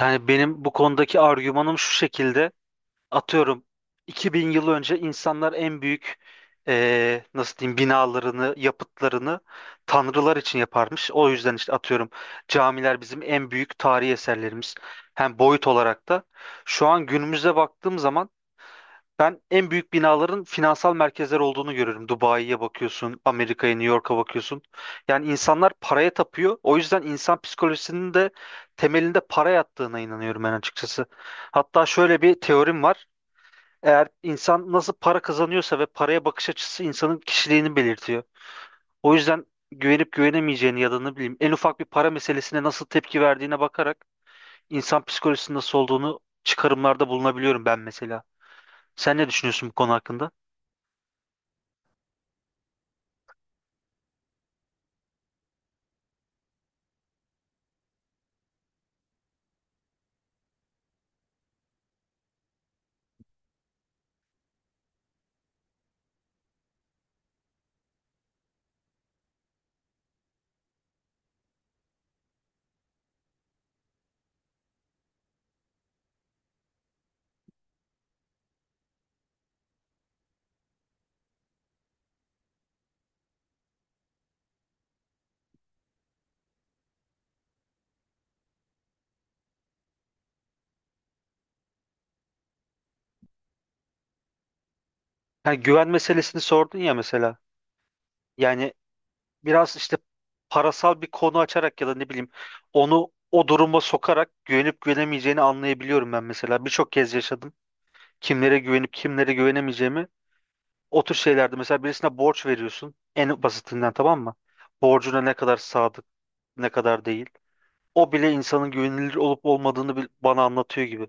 Yani benim bu konudaki argümanım şu şekilde. Atıyorum 2000 yıl önce insanlar en büyük nasıl diyeyim binalarını, yapıtlarını tanrılar için yaparmış. O yüzden işte atıyorum camiler bizim en büyük tarihi eserlerimiz. Hem boyut olarak da. Şu an günümüze baktığım zaman ben en büyük binaların finansal merkezler olduğunu görüyorum. Dubai'ye bakıyorsun, Amerika'ya, New York'a bakıyorsun. Yani insanlar paraya tapıyor. O yüzden insan psikolojisinin de temelinde para yattığına inanıyorum ben açıkçası. Hatta şöyle bir teorim var. Eğer insan nasıl para kazanıyorsa ve paraya bakış açısı insanın kişiliğini belirtiyor. O yüzden güvenip güvenemeyeceğini ya da ne bileyim en ufak bir para meselesine nasıl tepki verdiğine bakarak insan psikolojisinin nasıl olduğunu çıkarımlarda bulunabiliyorum ben mesela. Sen ne düşünüyorsun bu konu hakkında? Yani güven meselesini sordun ya mesela. Yani biraz işte parasal bir konu açarak ya da ne bileyim onu o duruma sokarak güvenip güvenemeyeceğini anlayabiliyorum ben mesela. Birçok kez yaşadım. Kimlere güvenip kimlere güvenemeyeceğimi. O tür şeylerde mesela birisine borç veriyorsun. En basitinden tamam mı? Borcuna ne kadar sadık, ne kadar değil. O bile insanın güvenilir olup olmadığını bana anlatıyor gibi.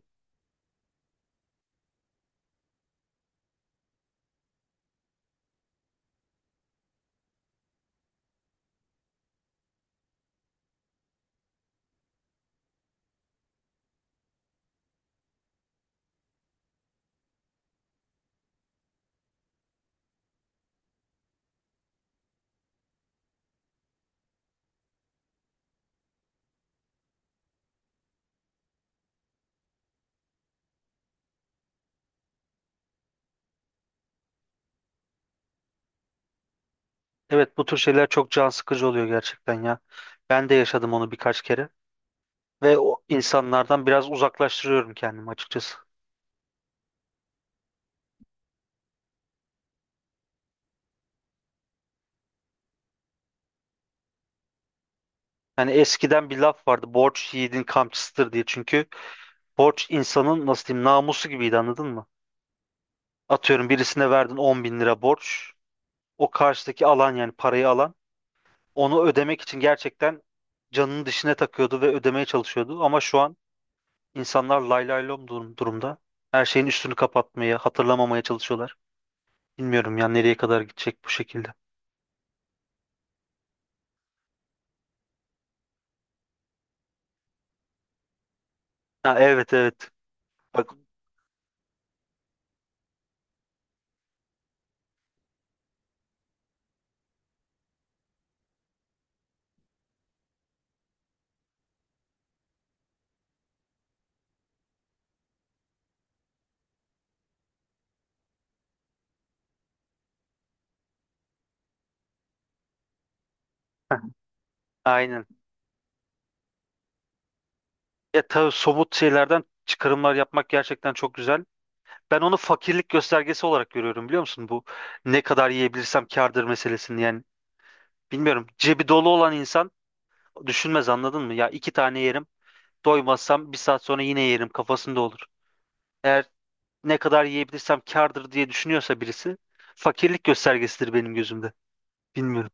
Evet bu tür şeyler çok can sıkıcı oluyor gerçekten ya. Ben de yaşadım onu birkaç kere. Ve o insanlardan biraz uzaklaştırıyorum kendimi açıkçası. Yani eskiden bir laf vardı borç yiğidin kamçısıdır diye çünkü borç insanın nasıl diyeyim namusu gibiydi anladın mı? Atıyorum birisine verdin 10 bin lira borç, o karşıdaki alan yani parayı alan onu ödemek için gerçekten canının dişine takıyordu ve ödemeye çalışıyordu ama şu an insanlar lay lay lom durumda her şeyin üstünü kapatmaya, hatırlamamaya çalışıyorlar. Bilmiyorum ya nereye kadar gidecek bu şekilde. Ha, evet, evet. Bak, aynen. Ya tabii somut şeylerden çıkarımlar yapmak gerçekten çok güzel. Ben onu fakirlik göstergesi olarak görüyorum biliyor musun? Bu ne kadar yiyebilirsem kârdır meselesini yani. Bilmiyorum. Cebi dolu olan insan düşünmez anladın mı? Ya iki tane yerim, doymazsam bir saat sonra yine yerim kafasında olur. Eğer ne kadar yiyebilirsem kârdır diye düşünüyorsa birisi, fakirlik göstergesidir benim gözümde. Bilmiyorum.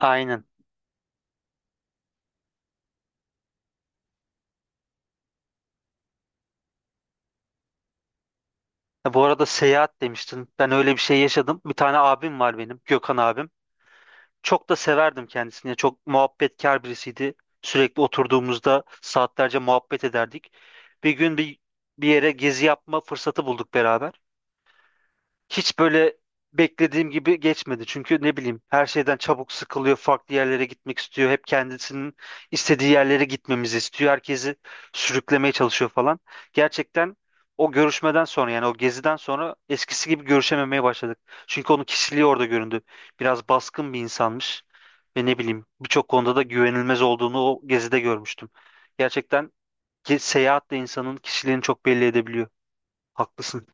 Aynen. Ya, bu arada seyahat demiştin. Ben öyle bir şey yaşadım. Bir tane abim var benim, Gökhan abim. Çok da severdim kendisini. Yani çok muhabbetkar birisiydi. Sürekli oturduğumuzda saatlerce muhabbet ederdik. Bir gün bir yere gezi yapma fırsatı bulduk beraber, hiç böyle beklediğim gibi geçmedi. Çünkü ne bileyim her şeyden çabuk sıkılıyor, farklı yerlere gitmek istiyor. Hep kendisinin istediği yerlere gitmemizi istiyor. Herkesi sürüklemeye çalışıyor falan. Gerçekten o görüşmeden sonra, yani o geziden sonra eskisi gibi görüşememeye başladık. Çünkü onun kişiliği orada göründü. Biraz baskın bir insanmış ve ne bileyim birçok konuda da güvenilmez olduğunu o gezide görmüştüm. Gerçekten seyahat de insanın kişiliğini çok belli edebiliyor. Haklısın.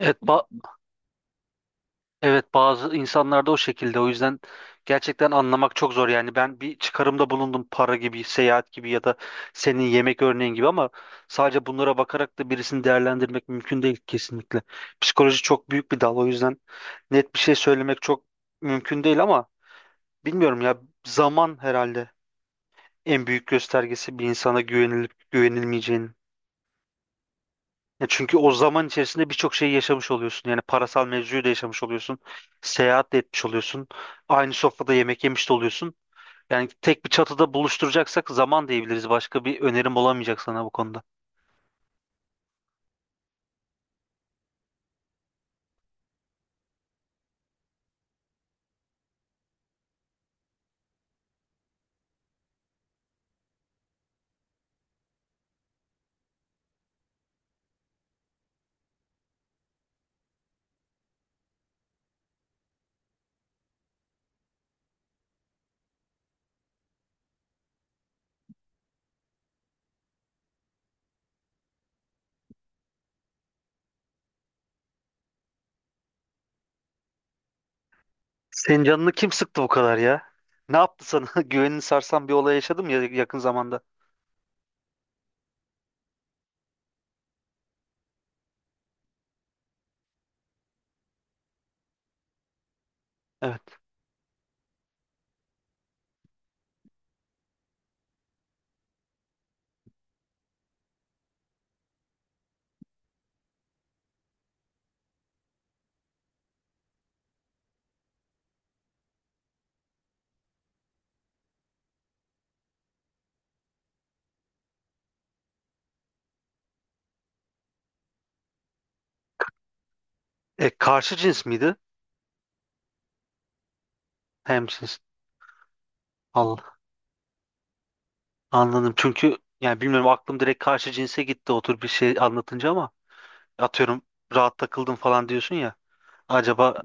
Evet, evet bazı insanlarda o şekilde. O yüzden gerçekten anlamak çok zor. Yani ben bir çıkarımda bulundum, para gibi, seyahat gibi ya da senin yemek örneğin gibi, ama sadece bunlara bakarak da birisini değerlendirmek mümkün değil kesinlikle. Psikoloji çok büyük bir dal, o yüzden net bir şey söylemek çok mümkün değil ama bilmiyorum ya, zaman herhalde en büyük göstergesi bir insana güvenilip güvenilmeyeceğinin. Ya çünkü o zaman içerisinde birçok şeyi yaşamış oluyorsun. Yani parasal mevzuyu da yaşamış oluyorsun. Seyahat de etmiş oluyorsun. Aynı sofrada yemek yemiş de oluyorsun. Yani tek bir çatıda buluşturacaksak zaman diyebiliriz. Başka bir önerim olamayacak sana bu konuda. Senin canını kim sıktı bu kadar ya? Ne yaptı sana? Güvenini sarsan bir olay yaşadım ya yakın zamanda. Evet. E, karşı cins miydi? Hem cins. Allah. Anladım. Çünkü yani bilmiyorum, aklım direkt karşı cinse gitti otur bir şey anlatınca, ama atıyorum rahat takıldım falan diyorsun ya. Acaba.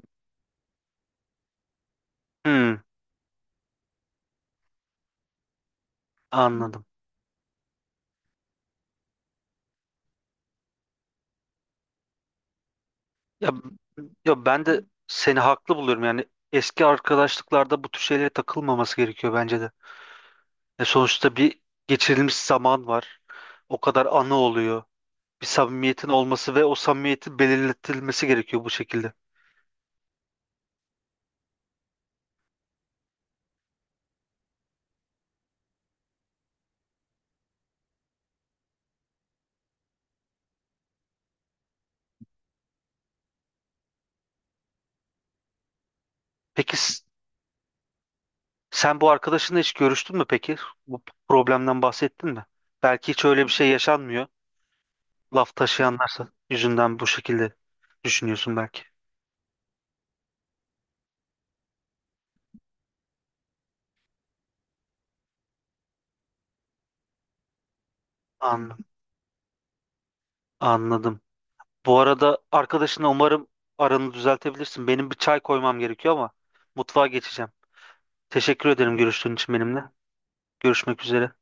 Hmm, anladım. Ya, ya ben de seni haklı buluyorum. Yani eski arkadaşlıklarda bu tür şeylere takılmaması gerekiyor bence de. E sonuçta bir geçirilmiş zaman var. O kadar anı oluyor. Bir samimiyetin olması ve o samimiyetin belirletilmesi gerekiyor bu şekilde. Peki sen bu arkadaşınla hiç görüştün mü peki? Bu problemden bahsettin mi? Belki hiç öyle bir şey yaşanmıyor. Laf taşıyanlarsa yüzünden bu şekilde düşünüyorsun belki. Anladım. Anladım. Bu arada arkadaşına umarım aranı düzeltebilirsin. Benim bir çay koymam gerekiyor ama, mutfağa geçeceğim. Teşekkür ederim görüştüğün için benimle. Görüşmek üzere.